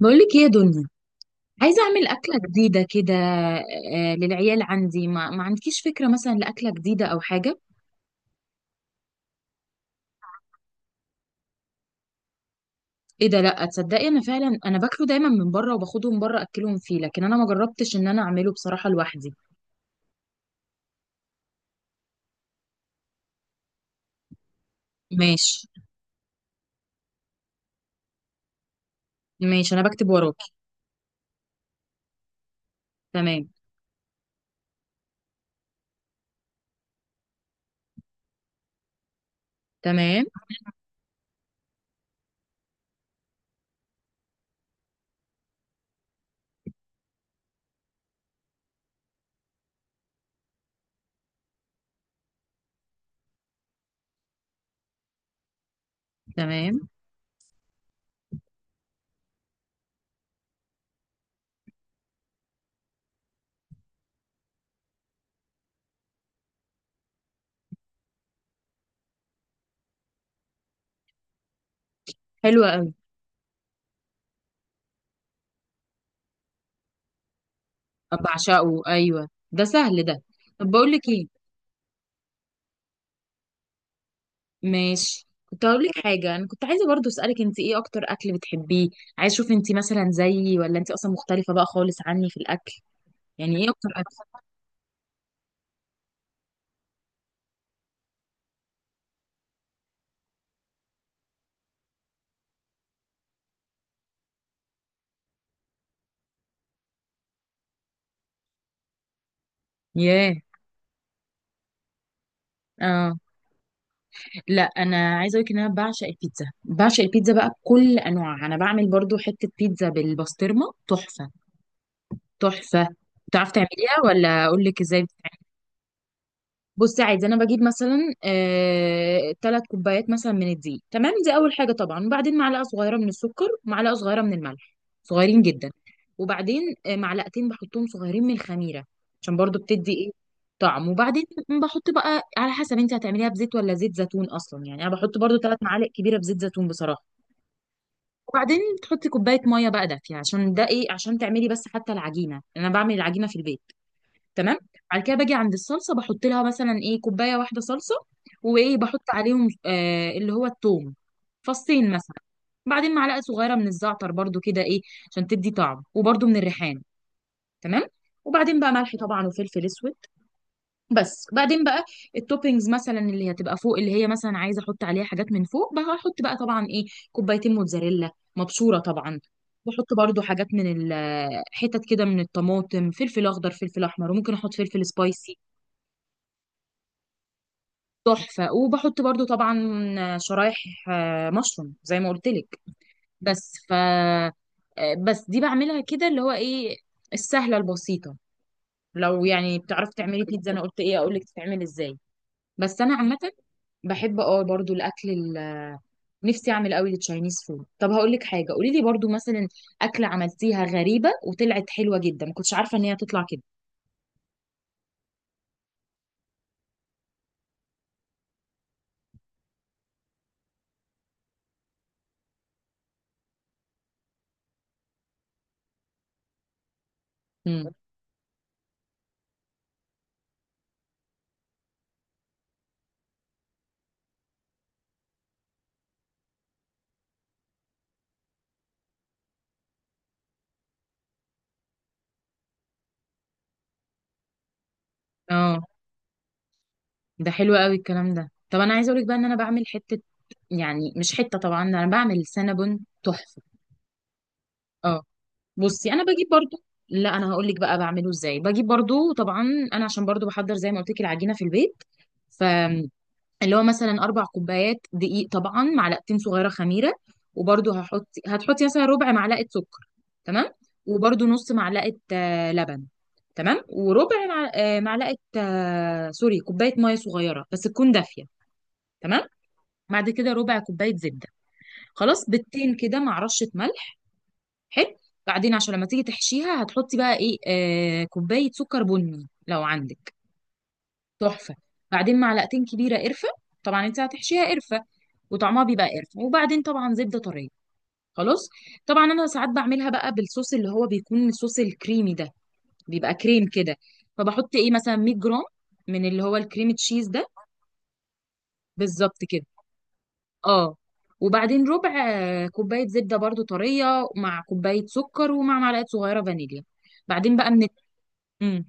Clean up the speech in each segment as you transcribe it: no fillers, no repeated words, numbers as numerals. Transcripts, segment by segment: بقولك ايه يا دنيا؟ عايزة أعمل أكلة جديدة كده للعيال عندي. ما عندكيش فكرة مثلا لأكلة جديدة أو حاجة؟ ايه ده؟ لأ، تصدقي أنا فعلا باكله دايما من بره وباخده من بره أكلهم فيه، لكن أنا ما جربتش إن أنا أعمله بصراحة لوحدي. ماشي. ماشي، أنا بكتب وراكي. تمام. تمام. تمام. حلو أوي. بعشقه، أيوه ده سهل ده. طب بقولك ايه، ماشي، كنت هقول لك حاجة، أنا كنت عايزة برضو أسألك أنت إيه أكتر أكل بتحبيه؟ عايز أشوف أنت مثلا زيي ولا أنت أصلا مختلفة بقى خالص عني في الأكل. يعني ايه اكتر اكل؟ ياه. اه. لا انا عايزه اقول لك ان انا بعشق البيتزا، بعشق البيتزا بقى بكل انواعها. انا بعمل برضو حته بيتزا بالبسطرمه تحفه. تحفه. تعرف تعمليها ولا اقول لك ازاي؟ بصي، عادي، انا بجيب مثلا تلات كوبايات مثلا من الدقيق، تمام، دي اول حاجه طبعا. وبعدين معلقه صغيره من السكر، ومعلقه صغيره من الملح، صغيرين جدا. وبعدين معلقتين بحطهم صغيرين من الخميره عشان برضو بتدي ايه، طعم. وبعدين بحط بقى على حسب انت هتعمليها بزيت ولا زيت زيتون. اصلا يعني انا بحط برضو تلات معالق كبيره بزيت زيتون بصراحه. وبعدين تحطي كوبايه ميه بقى دافيه، عشان ده ايه، عشان تعملي بس حتى العجينه. انا بعمل العجينه في البيت، تمام. بعد كده باجي عند الصلصه، بحط لها مثلا ايه، كوبايه واحده صلصه، وايه بحط عليهم آه اللي هو الثوم، فصين مثلا. بعدين معلقه صغيره من الزعتر برضو كده ايه، عشان تدي طعم، وبرضو من الريحان، تمام. وبعدين بقى ملح طبعا وفلفل اسود. بس بعدين بقى التوبينجز مثلا اللي هتبقى فوق، اللي هي مثلا عايزه احط عليها حاجات من فوق، بقى هحط بقى طبعا ايه، كوبايتين موتزاريلا مبشوره طبعا. بحط برضو حاجات من حتت كده من الطماطم، فلفل اخضر، فلفل احمر، وممكن احط فلفل سبايسي. تحفة. وبحط برضو طبعا شرايح مشروم زي ما قلت لك. بس ف آه، بس دي بعملها كده اللي هو ايه، السهلة البسيطة. لو يعني بتعرفي تعملي بيتزا انا قلت ايه اقول لك تتعمل ازاي. بس انا عامة بحب اه برضو الاكل نفسي اعمل قوي التشاينيز فود. طب هقول لك حاجة، قولي لي برضو مثلا اكلة عملتيها غريبة وطلعت حلوة جدا، ما كنتش عارفة ان هي تطلع كده. امم اه ده حلو قوي الكلام ده. طب انا عايزه اقول لك بقى ان انا بعمل حته، يعني مش حته طبعا، انا بعمل سينابون تحفه. اه. بصي انا بجيب برضو، لا انا هقول لك بقى بعمله ازاي. بجيب برضو طبعا، انا عشان برضو بحضر زي ما قلت لك العجينه في البيت، ف اللي هو مثلا اربع كوبايات دقيق طبعا، معلقتين صغيره خميره. وبرضو هتحطي مثلا ربع معلقه سكر، تمام. وبرضو نص معلقه لبن، تمام. وربع معلقه آه، سوري كوبايه ميه صغيره بس تكون دافيه، تمام. بعد كده ربع كوبايه زبده خلاص، بيضتين كده مع رشه ملح. حلو. بعدين عشان لما تيجي تحشيها هتحطي بقى ايه، آه، كوبايه سكر بني لو عندك، تحفه. بعدين معلقتين كبيره قرفه، طبعا انت هتحشيها قرفه وطعمها بيبقى قرفه. وبعدين طبعا زبده طريه خلاص. طبعا انا ساعات بعملها بقى بالصوص، اللي هو بيكون الصوص الكريمي ده، بيبقى كريم كده. فبحط ايه مثلا 100 جرام من اللي هو الكريم تشيز ده، بالظبط كده. اه. وبعدين ربع كوباية زبدة برضو طرية، مع كوباية سكر، ومع معلقة صغيرة فانيليا. بعدين بقى من مم.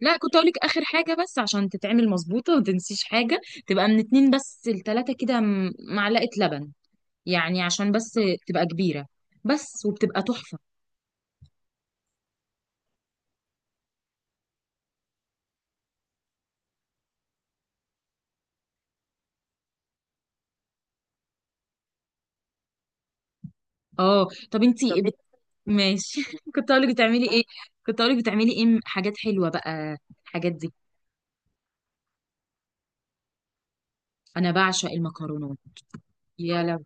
لا كنت اقولك اخر حاجة بس عشان تتعمل مظبوطة ومتنسيش حاجة. تبقى من اتنين بس لتلاتة كده معلقة لبن، يعني عشان بس تبقى كبيرة بس، وبتبقى تحفة. اه طب انتي طب ماشي كنت اقولك بتعملي ايه. كنت اقولك بتعملي ايه حاجات حلوة بقى، الحاجات دي. انا بعشق المكرونات. يا لهوي.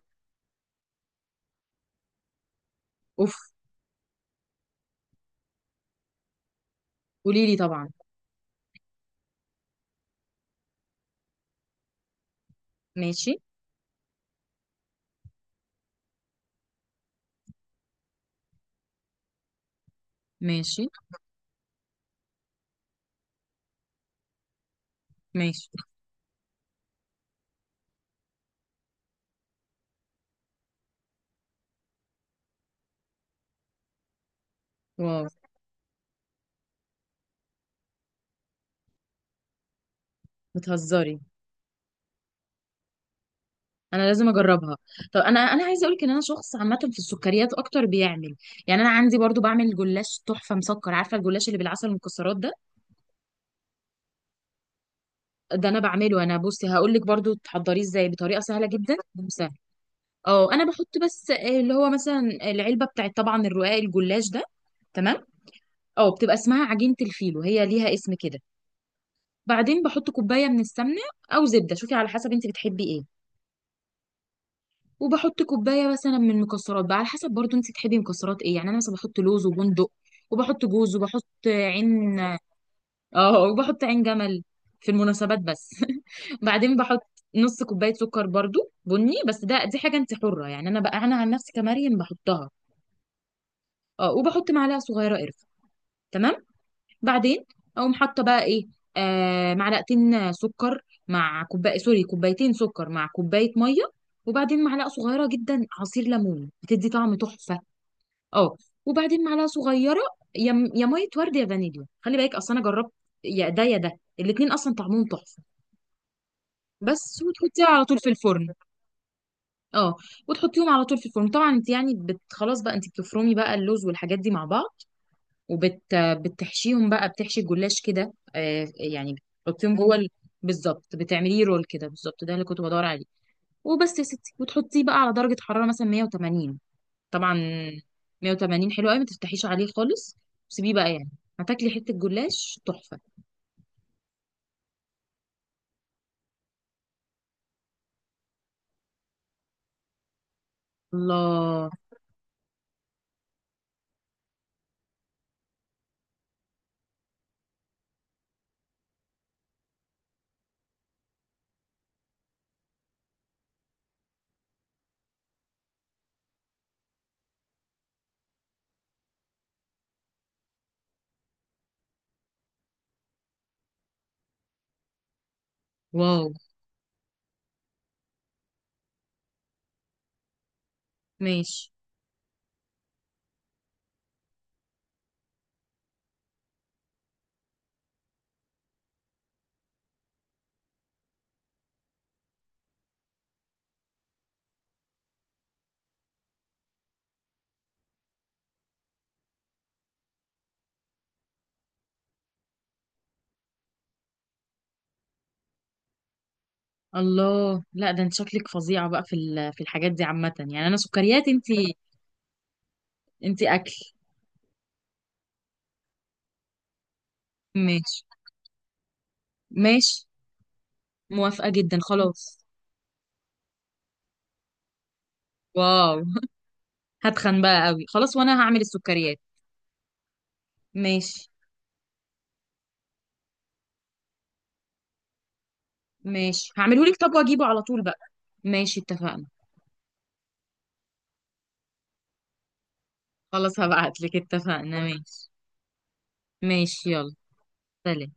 اوف. قوليلي طبعا. ماشي. ماشي. ماشي. واو. بتهزري. انا لازم اجربها. طب انا عايزه اقولك ان انا شخص عامه في السكريات اكتر بيعمل. يعني انا عندي برضو بعمل جلاش تحفه مسكر. عارفه الجلاش اللي بالعسل والمكسرات ده، ده انا بعمله. انا بصي هقولك برضو تحضريه ازاي بطريقه سهله جدا وسهله. اه انا بحط بس اللي هو مثلا العلبه بتاعت طبعا الرقاق الجلاش ده، تمام. اه بتبقى اسمها عجينه الفيلو، هي ليها اسم كده. بعدين بحط كوبايه من السمنه او زبده، شوفي على حسب انت بتحبي ايه. وبحط كوبايه مثلا من مكسرات بقى على حسب برضو انت تحبي مكسرات ايه. يعني انا مثلا بحط لوز وبندق، وبحط جوز، وبحط عين، اه وبحط عين جمل في المناسبات بس بعدين بحط نص كوبايه سكر برضو بني، بس ده دي حاجه انت حره، يعني انا بقى انا عن نفسي كمريم بحطها. اه وبحط معلقه صغيره قرفه، تمام. بعدين اقوم حاطه بقى ايه، آه معلقتين سكر مع كوبايه كوبايتين سكر مع كوبايه ميه. وبعدين معلقه صغيره جدا عصير ليمون بتدي طعم تحفه. اه. وبعدين معلقه صغيره، يا يا ميه ورد يا فانيليا، خلي بالك اصل انا جربت يا ده يا ده، الاتنين اصلا طعمهم تحفه. بس وتحطيها على طول في الفرن. اه وتحطيهم على طول في الفرن طبعا. انت يعني خلاص بقى، انت بتفرمي بقى اللوز والحاجات دي مع بعض، وبت بتحشيهم بقى، بتحشي الجلاش كده آه يعني، بتحطيهم جوه بالظبط، بتعمليه رول كده، بالظبط ده اللي كنت بدور عليه. وبس يا ستي، وتحطيه بقى على درجه حراره مثلا 180 طبعا. 180 حلو قوي، ما تفتحيش عليه خالص، سيبيه بقى يعني. هتاكلي حتة جلاش تحفة. الله. واو. ماشي. الله، لا ده انت شكلك فظيعة بقى في في الحاجات دي عامة، يعني انا سكريات انت، انت اكل. ماشي. ماشي، موافقة جدا، خلاص. واو هتخن بقى قوي خلاص، وانا هعمل السكريات. ماشي. ماشي هعمله لك، طب واجيبه على طول بقى. ماشي اتفقنا. خلاص هبعت لك، اتفقنا، ماشي. ماشي، يلا، سلام.